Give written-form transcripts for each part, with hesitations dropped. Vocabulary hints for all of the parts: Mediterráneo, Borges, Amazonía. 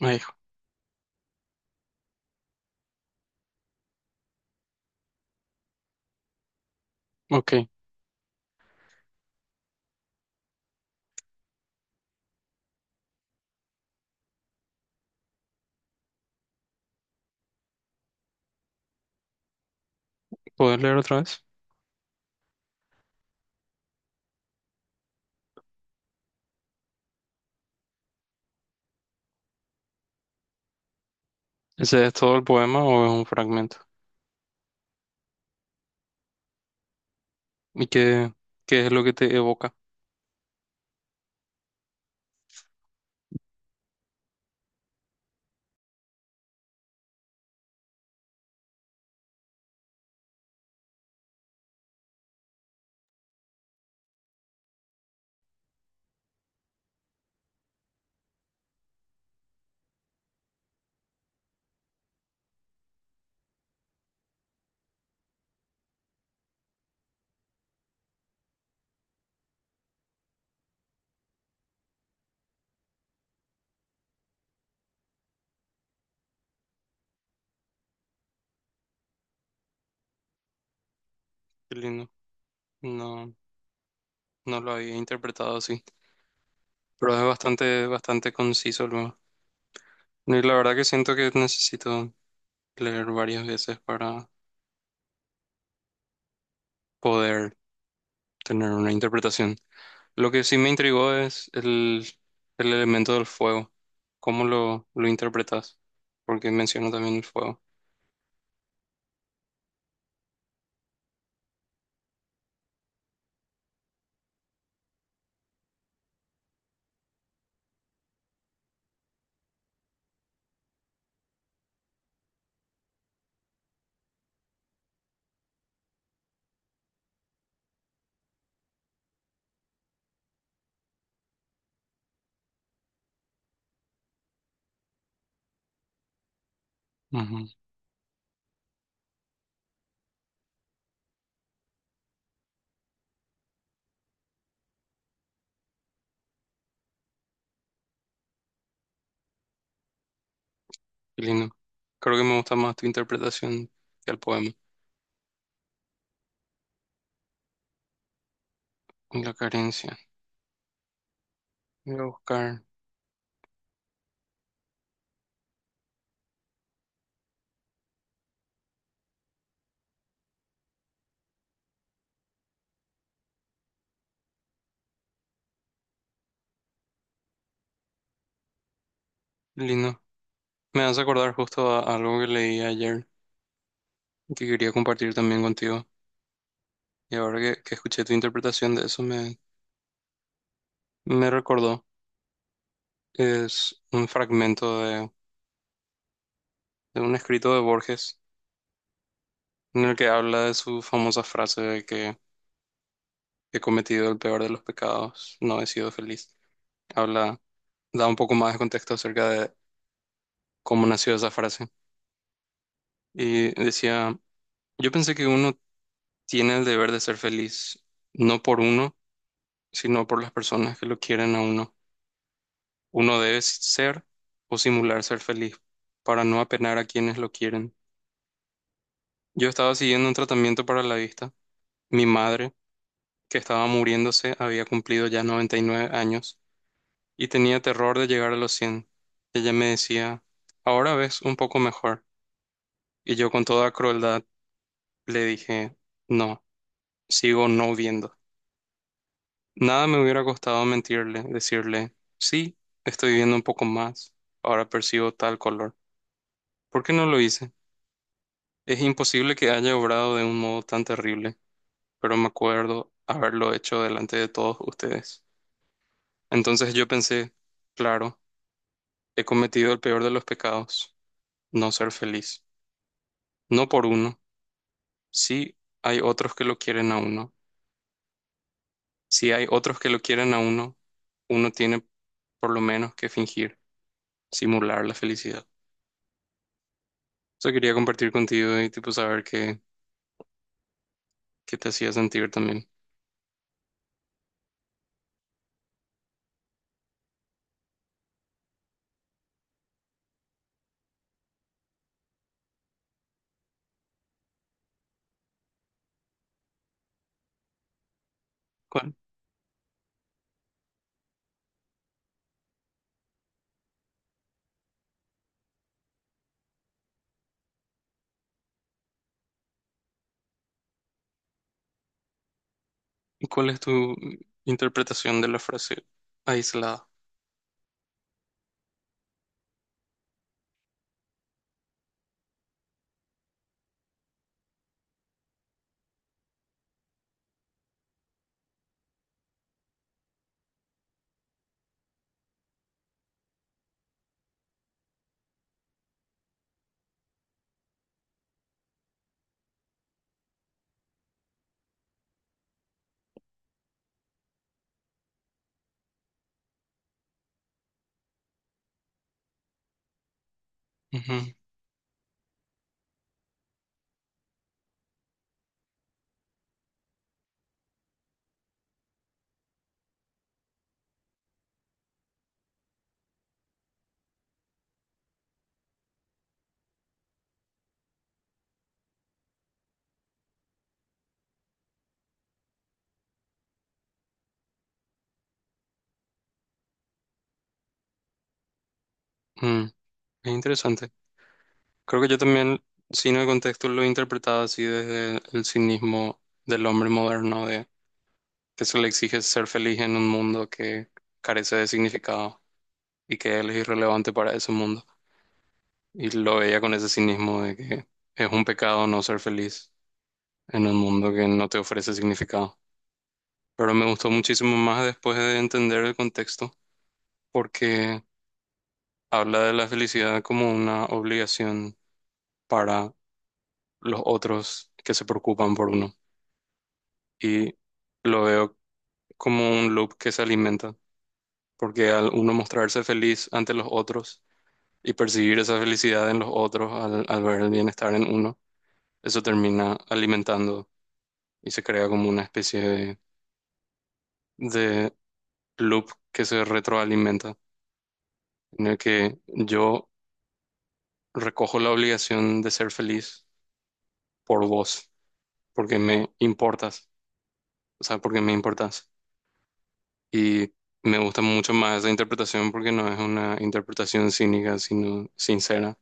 Ay, ok, ¿puedes leer otra vez? ¿Ese es todo el poema o es un fragmento? ¿Y qué, qué es lo que te evoca? Qué lindo. No, no lo había interpretado así, pero es bastante, bastante conciso luego. Y la verdad que siento que necesito leer varias veces para poder tener una interpretación. Lo que sí me intrigó es el elemento del fuego. ¿Cómo lo interpretas? Porque menciono también el fuego. Qué lindo. Creo que me gusta más tu interpretación que el poema. La carencia. Voy a buscar. Lindo. Me hace acordar justo a algo que leí ayer y que quería compartir también contigo. Y ahora que escuché tu interpretación de eso me, me recordó. Es un fragmento de un escrito de Borges en el que habla de su famosa frase de que he cometido el peor de los pecados, no he sido feliz. Habla, da un poco más de contexto acerca de cómo nació esa frase. Y decía... Yo pensé que uno tiene el deber de ser feliz, no por uno, sino por las personas que lo quieren a uno. Uno debe ser o simular ser feliz para no apenar a quienes lo quieren. Yo estaba siguiendo un tratamiento para la vista. Mi madre, que estaba muriéndose, había cumplido ya 99 años y tenía terror de llegar a los 100. Ella me decía, ahora ves un poco mejor. Y yo con toda crueldad le dije, no, sigo no viendo. Nada me hubiera costado mentirle, decirle, sí, estoy viendo un poco más, ahora percibo tal color. ¿Por qué no lo hice? Es imposible que haya obrado de un modo tan terrible, pero me acuerdo haberlo hecho delante de todos ustedes. Entonces yo pensé, claro, he cometido el peor de los pecados, no ser feliz. No por uno, sí hay otros que lo quieren a uno. Si hay otros que lo quieren a uno, uno tiene por lo menos que fingir, simular la felicidad. Sea, quería compartir contigo y tipo saber qué, qué te hacía sentir también. ¿Cuál, cuál es tu interpretación de la frase aislada? Ujú. Mm, es interesante. Creo que yo también, sin el contexto, lo he interpretado así desde el cinismo del hombre moderno, de que se le exige ser feliz en un mundo que carece de significado y que él es irrelevante para ese mundo. Y lo veía con ese cinismo de que es un pecado no ser feliz en un mundo que no te ofrece significado. Pero me gustó muchísimo más después de entender el contexto, porque habla de la felicidad como una obligación para los otros que se preocupan por uno. Y lo veo como un loop que se alimenta, porque al uno mostrarse feliz ante los otros y percibir esa felicidad en los otros, al, al ver el bienestar en uno, eso termina alimentando y se crea como una especie de loop que se retroalimenta, en el que yo recojo la obligación de ser feliz por vos, porque me importas, o sea, porque me importas. Y me gusta mucho más esa interpretación porque no es una interpretación cínica, sino sincera.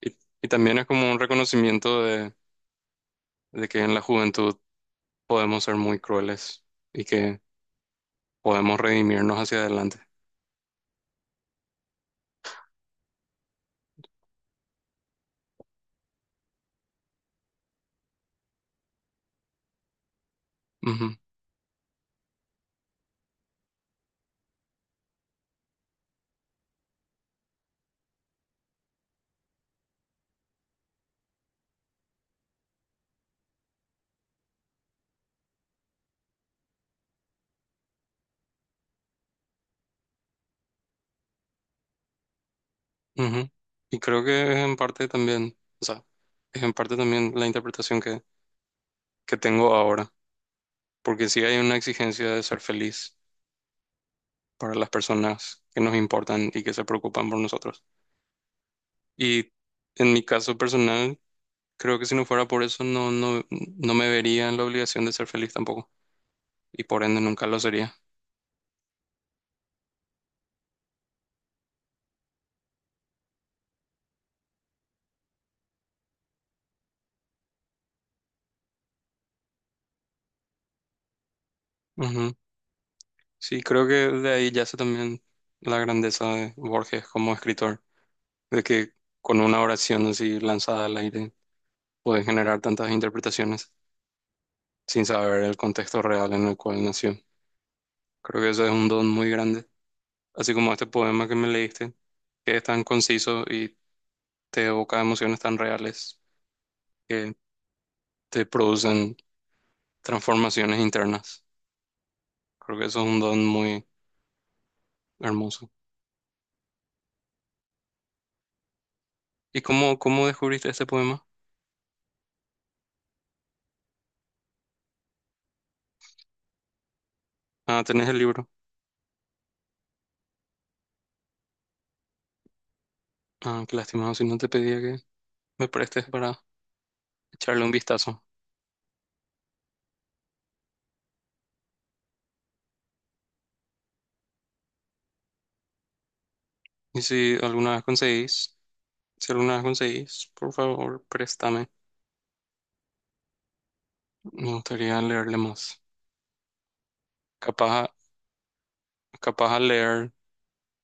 Y también es como un reconocimiento de que en la juventud podemos ser muy crueles y que podemos redimirnos hacia adelante. Ujú, ujú. Y creo que es en parte también, o sea, es en parte también la interpretación que tengo ahora, porque sí hay una exigencia de ser feliz para las personas que nos importan y que se preocupan por nosotros. Y en mi caso personal, creo que si no fuera por eso, no, no, no me vería en la obligación de ser feliz tampoco. Y por ende nunca lo sería. Ujú. Sí, creo que de ahí yace también la grandeza de Borges como escritor, de que con una oración así lanzada al aire puede generar tantas interpretaciones sin saber el contexto real en el cual nació. Creo que eso es un don muy grande, así como este poema que me leíste, que es tan conciso y te evoca emociones tan reales que te producen transformaciones internas. Creo que eso es un don muy hermoso. ¿Y cómo, cómo descubriste este poema? Ah, tenés el libro. Ah, qué lástima, si no te pedía que me prestes para echarle un vistazo. Y si alguna vez conseguís, si alguna vez conseguís, por favor, préstame. Me gustaría leerle más. Capaz, capaz al leer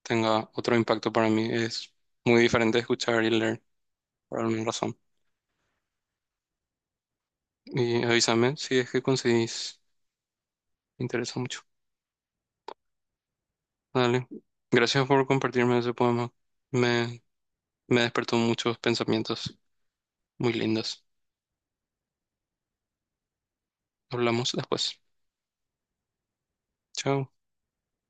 tenga otro impacto para mí. Es muy diferente escuchar y leer, por alguna razón. Y avísame si es que conseguís. Me interesa mucho. Dale. Gracias por compartirme ese poema. Me, me despertó muchos pensamientos muy lindos. Hablamos después. Chao.